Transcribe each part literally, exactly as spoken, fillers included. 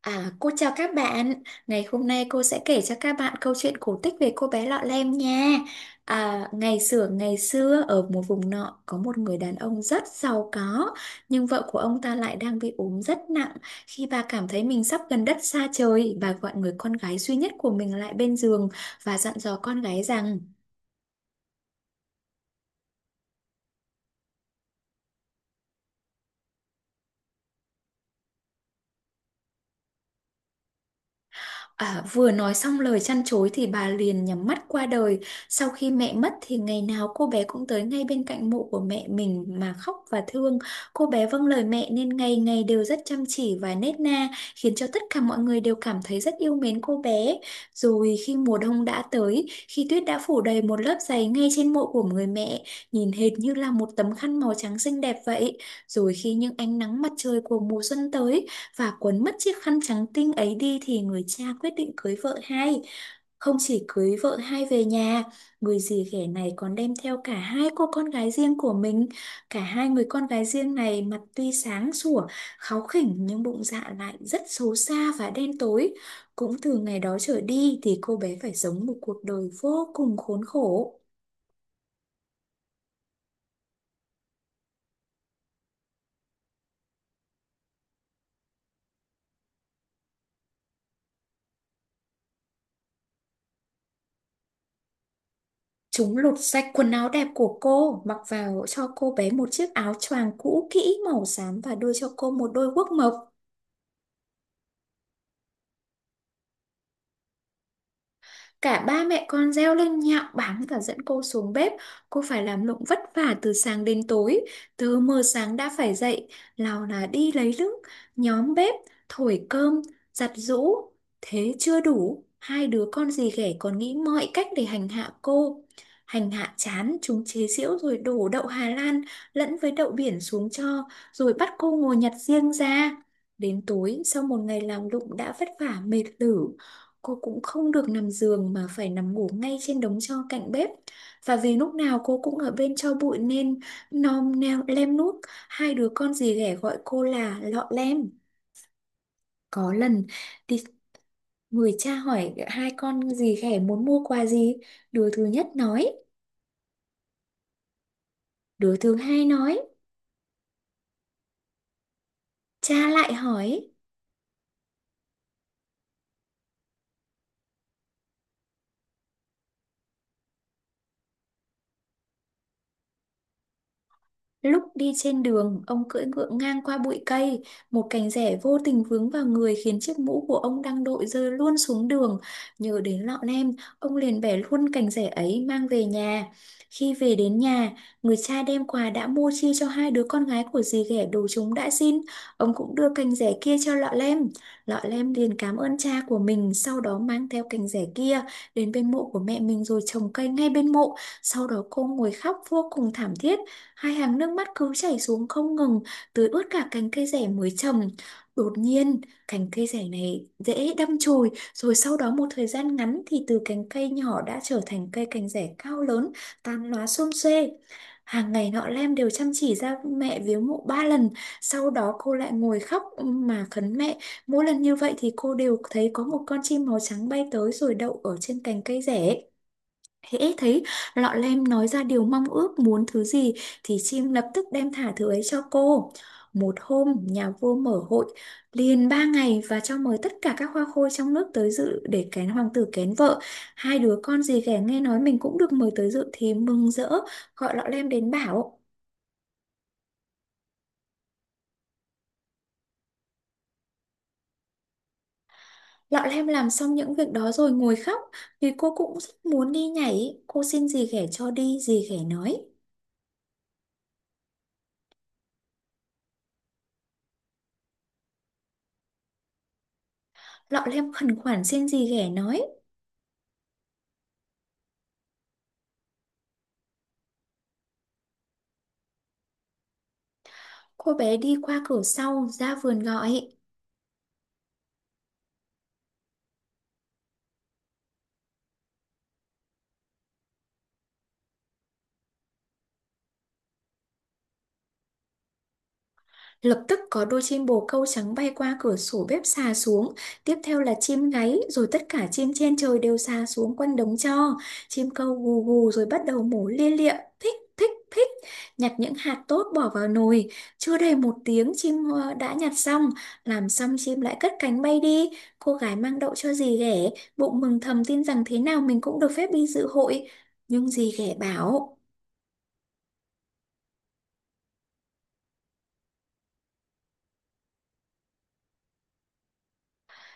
À, cô chào các bạn. Ngày hôm nay cô sẽ kể cho các bạn câu chuyện cổ tích về cô bé Lọ Lem nha. À, ngày xưa ngày xưa ở một vùng nọ có một người đàn ông rất giàu có, nhưng vợ của ông ta lại đang bị ốm rất nặng. Khi bà cảm thấy mình sắp gần đất xa trời, bà gọi người con gái duy nhất của mình lại bên giường và dặn dò con gái rằng. À, vừa nói xong lời trăn trối thì bà liền nhắm mắt qua đời. Sau khi mẹ mất thì ngày nào cô bé cũng tới ngay bên cạnh mộ của mẹ mình mà khóc và thương. Cô bé vâng lời mẹ nên ngày ngày đều rất chăm chỉ và nết na, khiến cho tất cả mọi người đều cảm thấy rất yêu mến cô bé. Rồi khi mùa đông đã tới, khi tuyết đã phủ đầy một lớp giày ngay trên mộ của người mẹ, nhìn hệt như là một tấm khăn màu trắng xinh đẹp vậy. Rồi khi những ánh nắng mặt trời của mùa xuân tới, và cuốn mất chiếc khăn trắng tinh ấy đi thì người cha quyết định cưới vợ hai. Không chỉ cưới vợ hai về nhà, người dì ghẻ này còn đem theo cả hai cô con gái riêng của mình. Cả hai người con gái riêng này mặt tuy sáng sủa, kháu khỉnh nhưng bụng dạ lại rất xấu xa và đen tối. Cũng từ ngày đó trở đi thì cô bé phải sống một cuộc đời vô cùng khốn khổ. Chúng lột sạch quần áo đẹp của cô, mặc vào cho cô bé một chiếc áo choàng cũ kỹ màu xám và đưa cho cô một đôi guốc mộc. Cả ba mẹ con reo lên nhạo báng và dẫn cô xuống bếp. Cô phải làm lụng vất vả từ sáng đến tối. Từ mờ sáng đã phải dậy, nào là đi lấy nước, nhóm bếp, thổi cơm, giặt giũ. Thế chưa đủ, hai đứa con dì ghẻ còn nghĩ mọi cách để hành hạ cô. Hành hạ chán, chúng chế giễu rồi đổ đậu Hà Lan lẫn với đậu biển xuống cho, rồi bắt cô ngồi nhặt riêng ra. Đến tối, sau một ngày làm lụng đã vất vả mệt lử, cô cũng không được nằm giường mà phải nằm ngủ ngay trên đống tro cạnh bếp. Và vì lúc nào cô cũng ở bên tro bụi nên nom neo lem nuốt, hai đứa con dì ghẻ gọi cô là lọ lem. Có lần thì người cha hỏi hai con dì ghẻ muốn mua quà gì, đứa thứ nhất nói, đứa thứ hai nói, cha lại hỏi. Lúc đi trên đường, ông cưỡi ngựa ngang qua bụi cây, một cành rẻ vô tình vướng vào người khiến chiếc mũ của ông đang đội rơi luôn xuống đường. Nhớ đến lọ lem, ông liền bẻ luôn cành rẻ ấy mang về nhà. Khi về đến nhà, người cha đem quà đã mua chia cho hai đứa con gái của dì ghẻ đồ chúng đã xin. Ông cũng đưa cành rẻ kia cho lọ lem. Lọ lem liền cảm ơn cha của mình, sau đó mang theo cành rẻ kia đến bên mộ của mẹ mình rồi trồng cây ngay bên mộ. Sau đó cô ngồi khóc vô cùng thảm thiết. Hai hàng nước mắt cứ chảy xuống không ngừng, tưới ướt cả cành cây rẻ mới trồng. Đột nhiên, cành cây rẻ này dễ đâm chồi, rồi sau đó một thời gian ngắn thì từ cành cây nhỏ đã trở thành cây cành rẻ cao lớn, tán lá xum xuê. Hàng ngày nọ Lem đều chăm chỉ ra mẹ viếng mộ ba lần, sau đó cô lại ngồi khóc mà khấn mẹ. Mỗi lần như vậy thì cô đều thấy có một con chim màu trắng bay tới rồi đậu ở trên cành cây rẻ. Hễ thấy lọ lem nói ra điều mong ước muốn thứ gì thì chim lập tức đem thả thứ ấy cho cô. Một hôm nhà vua mở hội liền ba ngày và cho mời tất cả các hoa khôi trong nước tới dự để kén hoàng tử kén vợ. Hai đứa con dì ghẻ nghe nói mình cũng được mời tới dự thì mừng rỡ gọi lọ lem đến bảo. Lọ lem làm xong những việc đó rồi ngồi khóc vì cô cũng rất muốn đi nhảy. Cô xin dì ghẻ cho đi, dì ghẻ nói. Lọ lem khẩn khoản xin dì ghẻ nói. Cô bé đi qua cửa sau ra vườn gọi. Lập tức có đôi chim bồ câu trắng bay qua cửa sổ bếp xà xuống, tiếp theo là chim gáy, rồi tất cả chim trên trời đều xà xuống quanh đống tro. Chim câu gù gù rồi bắt đầu mổ lia lịa, thích thích thích, nhặt những hạt tốt bỏ vào nồi. Chưa đầy một tiếng chim ờ, đã nhặt xong, làm xong chim lại cất cánh bay đi. Cô gái mang đậu cho dì ghẻ, bụng mừng thầm tin rằng thế nào mình cũng được phép đi dự hội. Nhưng dì ghẻ bảo.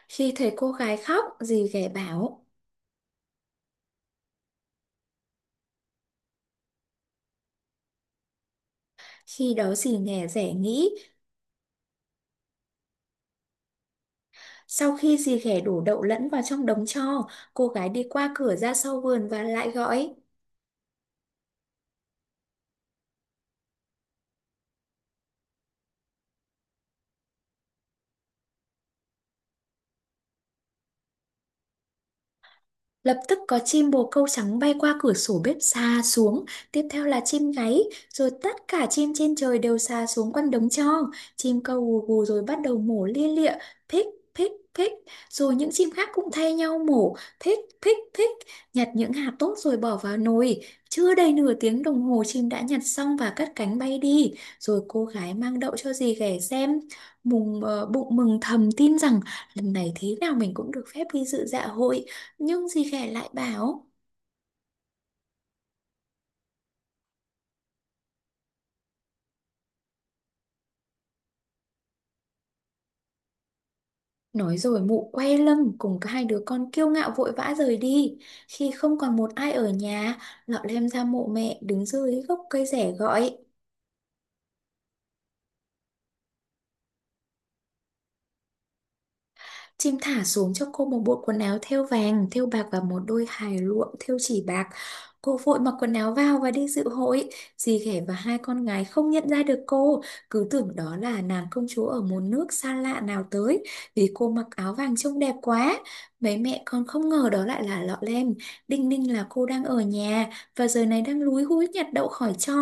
Khi thấy cô gái khóc, dì ghẻ bảo. Khi đó dì ghẻ rẻ nghĩ, sau khi dì ghẻ đổ đậu lẫn vào trong đống tro, cô gái đi qua cửa ra sau vườn và lại gọi. Lập tức có chim bồ câu trắng bay qua cửa sổ bếp xà xuống, tiếp theo là chim gáy, rồi tất cả chim trên trời đều xà xuống quanh đống tro. Chim câu gù gù rồi bắt đầu mổ lia lịa, phích phích phích, rồi những chim khác cũng thay nhau mổ, phích phích phích, nhặt những hạt tốt rồi bỏ vào nồi. Chưa đầy nửa tiếng đồng hồ chim đã nhặt xong và cất cánh bay đi, rồi cô gái mang đậu cho dì ghẻ xem. Mùng ờ, bụng mừng thầm tin rằng lần này thế nào mình cũng được phép đi dự dạ hội. Nhưng dì ghẻ lại bảo. Nói rồi mụ quay lưng cùng hai đứa con kiêu ngạo vội vã rời đi. Khi không còn một ai ở nhà, lọ lem ra mộ mẹ đứng dưới gốc cây rẻ gọi. Chim thả xuống cho cô một bộ quần áo thêu vàng, thêu bạc và một đôi hài luộm thêu chỉ bạc. Cô vội mặc quần áo vào và đi dự hội. Dì ghẻ và hai con gái không nhận ra được cô, cứ tưởng đó là nàng công chúa ở một nước xa lạ nào tới, vì cô mặc áo vàng trông đẹp quá. Mấy mẹ con không ngờ đó lại là Lọ Lem. Đinh ninh là cô đang ở nhà và giờ này đang lúi húi nhặt đậu khỏi tro.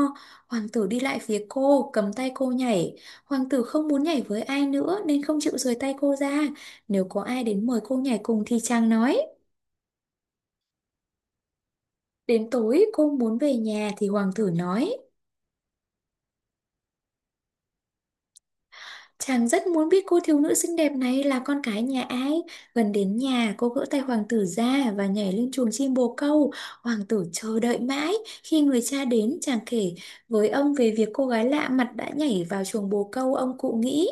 Hoàng tử đi lại phía cô, cầm tay cô nhảy. Hoàng tử không muốn nhảy với ai nữa nên không chịu rời tay cô ra. Nếu có ai đến mời cô nhảy cùng thì chàng nói. Đến tối cô muốn về nhà thì hoàng tử nói. Chàng rất muốn biết cô thiếu nữ xinh đẹp này là con cái nhà ai. Gần đến nhà cô gỡ tay hoàng tử ra và nhảy lên chuồng chim bồ câu. Hoàng tử chờ đợi mãi. Khi người cha đến chàng kể với ông về việc cô gái lạ mặt đã nhảy vào chuồng bồ câu ông cụ nghĩ.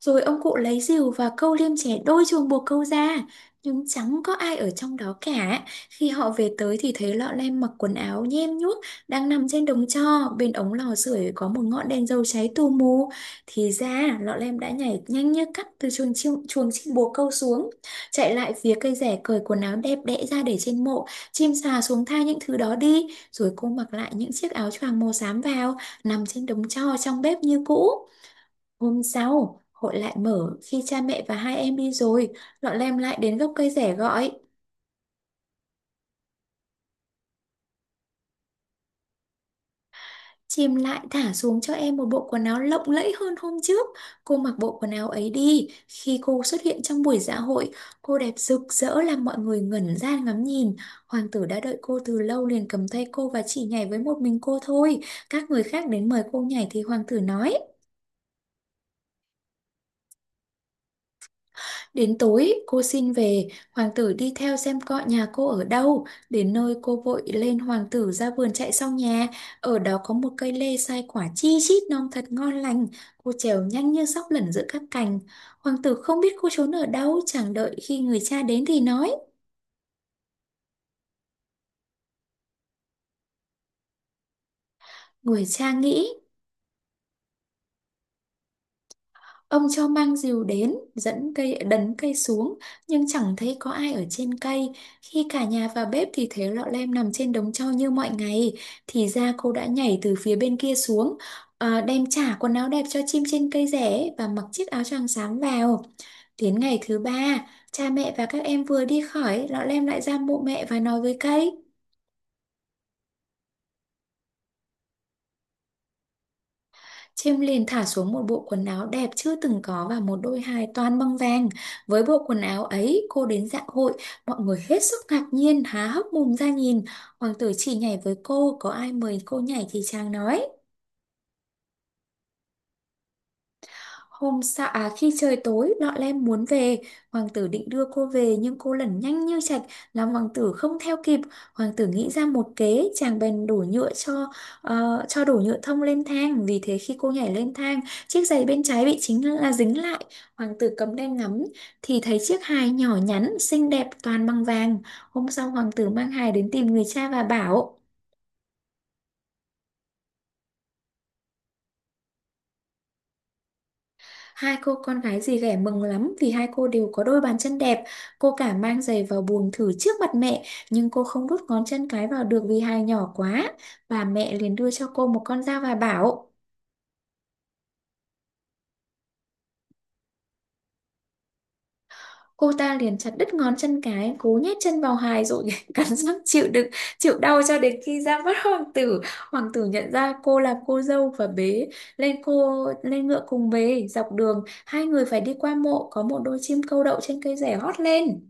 Rồi ông cụ lấy rìu và câu liêm chẻ đôi chuồng buộc câu ra, nhưng chẳng có ai ở trong đó cả. Khi họ về tới thì thấy lọ lem mặc quần áo nhem nhuốc đang nằm trên đống tro, bên ống lò sưởi có một ngọn đèn dầu cháy tù mù. Thì ra lọ lem đã nhảy nhanh như cắt từ chuồng chiêu, chuồng chim bồ câu xuống, chạy lại phía cây rẻ cởi quần áo đẹp đẽ ra để trên mộ, chim sà xuống tha những thứ đó đi, rồi cô mặc lại những chiếc áo choàng màu xám vào, nằm trên đống tro trong bếp như cũ. Hôm sau, hội lại mở khi cha mẹ và hai em đi rồi, lọn lem lại đến gốc cây rẻ gọi. Chim lại thả xuống cho em một bộ quần áo lộng lẫy hơn hôm trước. Cô mặc bộ quần áo ấy đi. Khi cô xuất hiện trong buổi dạ hội, cô đẹp rực rỡ làm mọi người ngẩn ra ngắm nhìn. Hoàng tử đã đợi cô từ lâu liền cầm tay cô và chỉ nhảy với một mình cô thôi. Các người khác đến mời cô nhảy thì hoàng tử nói. Đến tối, cô xin về, hoàng tử đi theo xem coi nhà cô ở đâu. Đến nơi cô vội lên hoàng tử ra vườn chạy sau nhà. Ở đó có một cây lê sai quả chi chít non thật ngon lành. Cô trèo nhanh như sóc lẩn giữa các cành. Hoàng tử không biết cô trốn ở đâu, chẳng đợi khi người cha đến thì nói. Người cha nghĩ. Ông cho mang rìu đến, dẫn cây đấn cây xuống, nhưng chẳng thấy có ai ở trên cây. Khi cả nhà vào bếp thì thấy lọ lem nằm trên đống tro như mọi ngày. Thì ra cô đã nhảy từ phía bên kia xuống, à, đem trả quần áo đẹp cho chim trên cây rẻ và mặc chiếc áo choàng xám vào. Đến ngày thứ ba, cha mẹ và các em vừa đi khỏi, lọ lem lại ra mộ mẹ và nói với cây. Chiêm liền thả xuống một bộ quần áo đẹp chưa từng có và một đôi hài toàn bằng vàng. Với bộ quần áo ấy, cô đến dạ hội, mọi người hết sức ngạc nhiên, há hốc mồm ra nhìn. Hoàng tử chỉ nhảy với cô, có ai mời cô nhảy thì chàng nói. Hôm sau, à, khi trời tối, Lọ Lem muốn về. Hoàng tử định đưa cô về, nhưng cô lẩn nhanh như chạch, làm hoàng tử không theo kịp. Hoàng tử nghĩ ra một kế. Chàng bèn đổ nhựa cho ờ, cho đổ nhựa thông lên thang. Vì thế khi cô nhảy lên thang, chiếc giày bên trái bị chính là, à, dính lại. Hoàng tử cầm đèn ngắm, thì thấy chiếc hài nhỏ nhắn xinh đẹp toàn bằng vàng. Hôm sau hoàng tử mang hài đến tìm người cha và bảo. Hai cô con gái dì ghẻ mừng lắm vì hai cô đều có đôi bàn chân đẹp. Cô cả mang giày vào buồng thử trước mặt mẹ, nhưng cô không đút ngón chân cái vào được vì hài nhỏ quá. Bà mẹ liền đưa cho cô một con dao và bảo, cô ta liền chặt đứt ngón chân cái, cố nhét chân vào hài rồi cắn răng chịu đựng, chịu đau cho đến khi ra mắt hoàng tử. Hoàng tử nhận ra cô là cô dâu và bế lên cô lên ngựa cùng về. Dọc đường, hai người phải đi qua mộ, có một đôi chim câu đậu trên cây rẻ hót lên.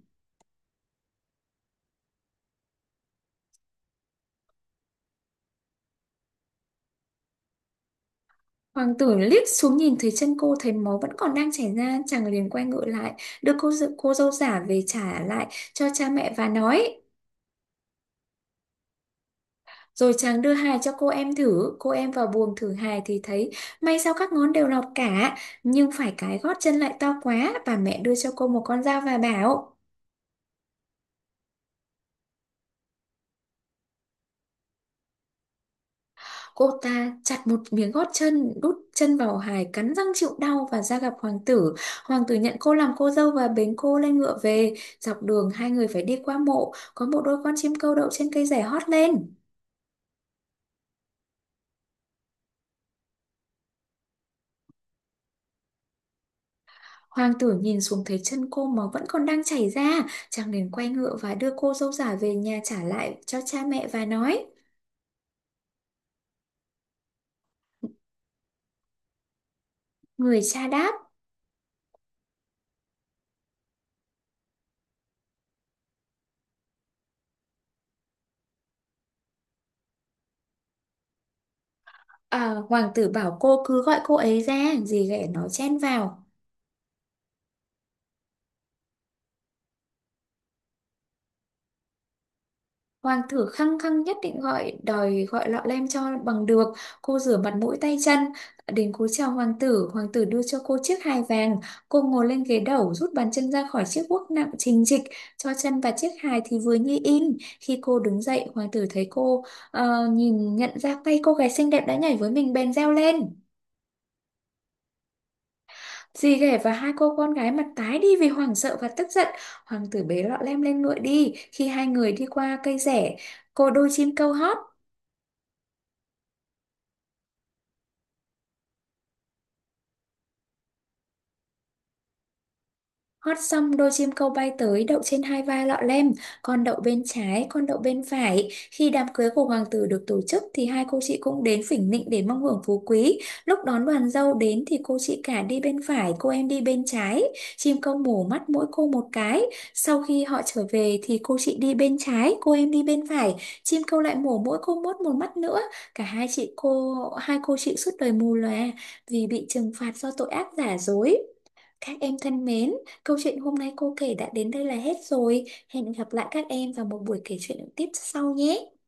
Hoàng tử liếc xuống nhìn thấy chân cô, thấy máu vẫn còn đang chảy ra, chàng liền quay ngựa lại, đưa cô dự cô dâu giả về trả lại cho cha mẹ và nói. Rồi chàng đưa hài cho cô em thử, cô em vào buồng thử hài thì thấy may sao các ngón đều lọt cả, nhưng phải cái gót chân lại to quá, bà mẹ đưa cho cô một con dao và bảo. Cô ta chặt một miếng gót chân, đút chân vào hài, cắn răng chịu đau và ra gặp hoàng tử. Hoàng tử nhận cô làm cô dâu và bế cô lên ngựa về. Dọc đường hai người phải đi qua mộ, có một đôi con chim câu đậu trên cây rẻ hót lên. Hoàng tử nhìn xuống thấy chân cô máu vẫn còn đang chảy ra, chàng liền quay ngựa và đưa cô dâu giả về nhà trả lại cho cha mẹ và nói. Người cha đáp, "À, hoàng tử bảo cô cứ gọi cô ấy ra", dì ghẻ nó chen vào. Hoàng thử khăng khăng nhất định gọi đòi gọi lọ lem cho bằng được. Cô rửa mặt mũi tay chân. Đến cúi chào hoàng tử, hoàng tử đưa cho cô chiếc hài vàng. Cô ngồi lên ghế đẩu, rút bàn chân ra khỏi chiếc guốc nặng trình trịch, cho chân và chiếc hài thì vừa như in. Khi cô đứng dậy, hoàng tử thấy cô, ờ, nhìn nhận ra tay cô gái xinh đẹp đã nhảy với mình bèn reo lên. Dì ghẻ và hai cô con gái mặt tái đi vì hoảng sợ và tức giận. Hoàng tử bế lọ lem lên ngựa đi. Khi hai người đi qua cây rẻ, cô đôi chim kêu hót. Hót xong đôi chim câu bay tới đậu trên hai vai lọ lem, con đậu bên trái, con đậu bên phải. Khi đám cưới của hoàng tử được tổ chức thì hai cô chị cũng đến phỉnh nịnh để mong hưởng phú quý. Lúc đón đoàn dâu đến thì cô chị cả đi bên phải, cô em đi bên trái. Chim câu mổ mắt mỗi cô một cái. Sau khi họ trở về thì cô chị đi bên trái, cô em đi bên phải. Chim câu lại mổ mỗi cô mốt một mắt nữa. Cả hai chị cô, hai cô chị suốt đời mù lòa vì bị trừng phạt do tội ác giả dối. Các em thân mến, câu chuyện hôm nay cô kể đã đến đây là hết rồi. Hẹn gặp lại các em vào một buổi kể chuyện tiếp sau nhé.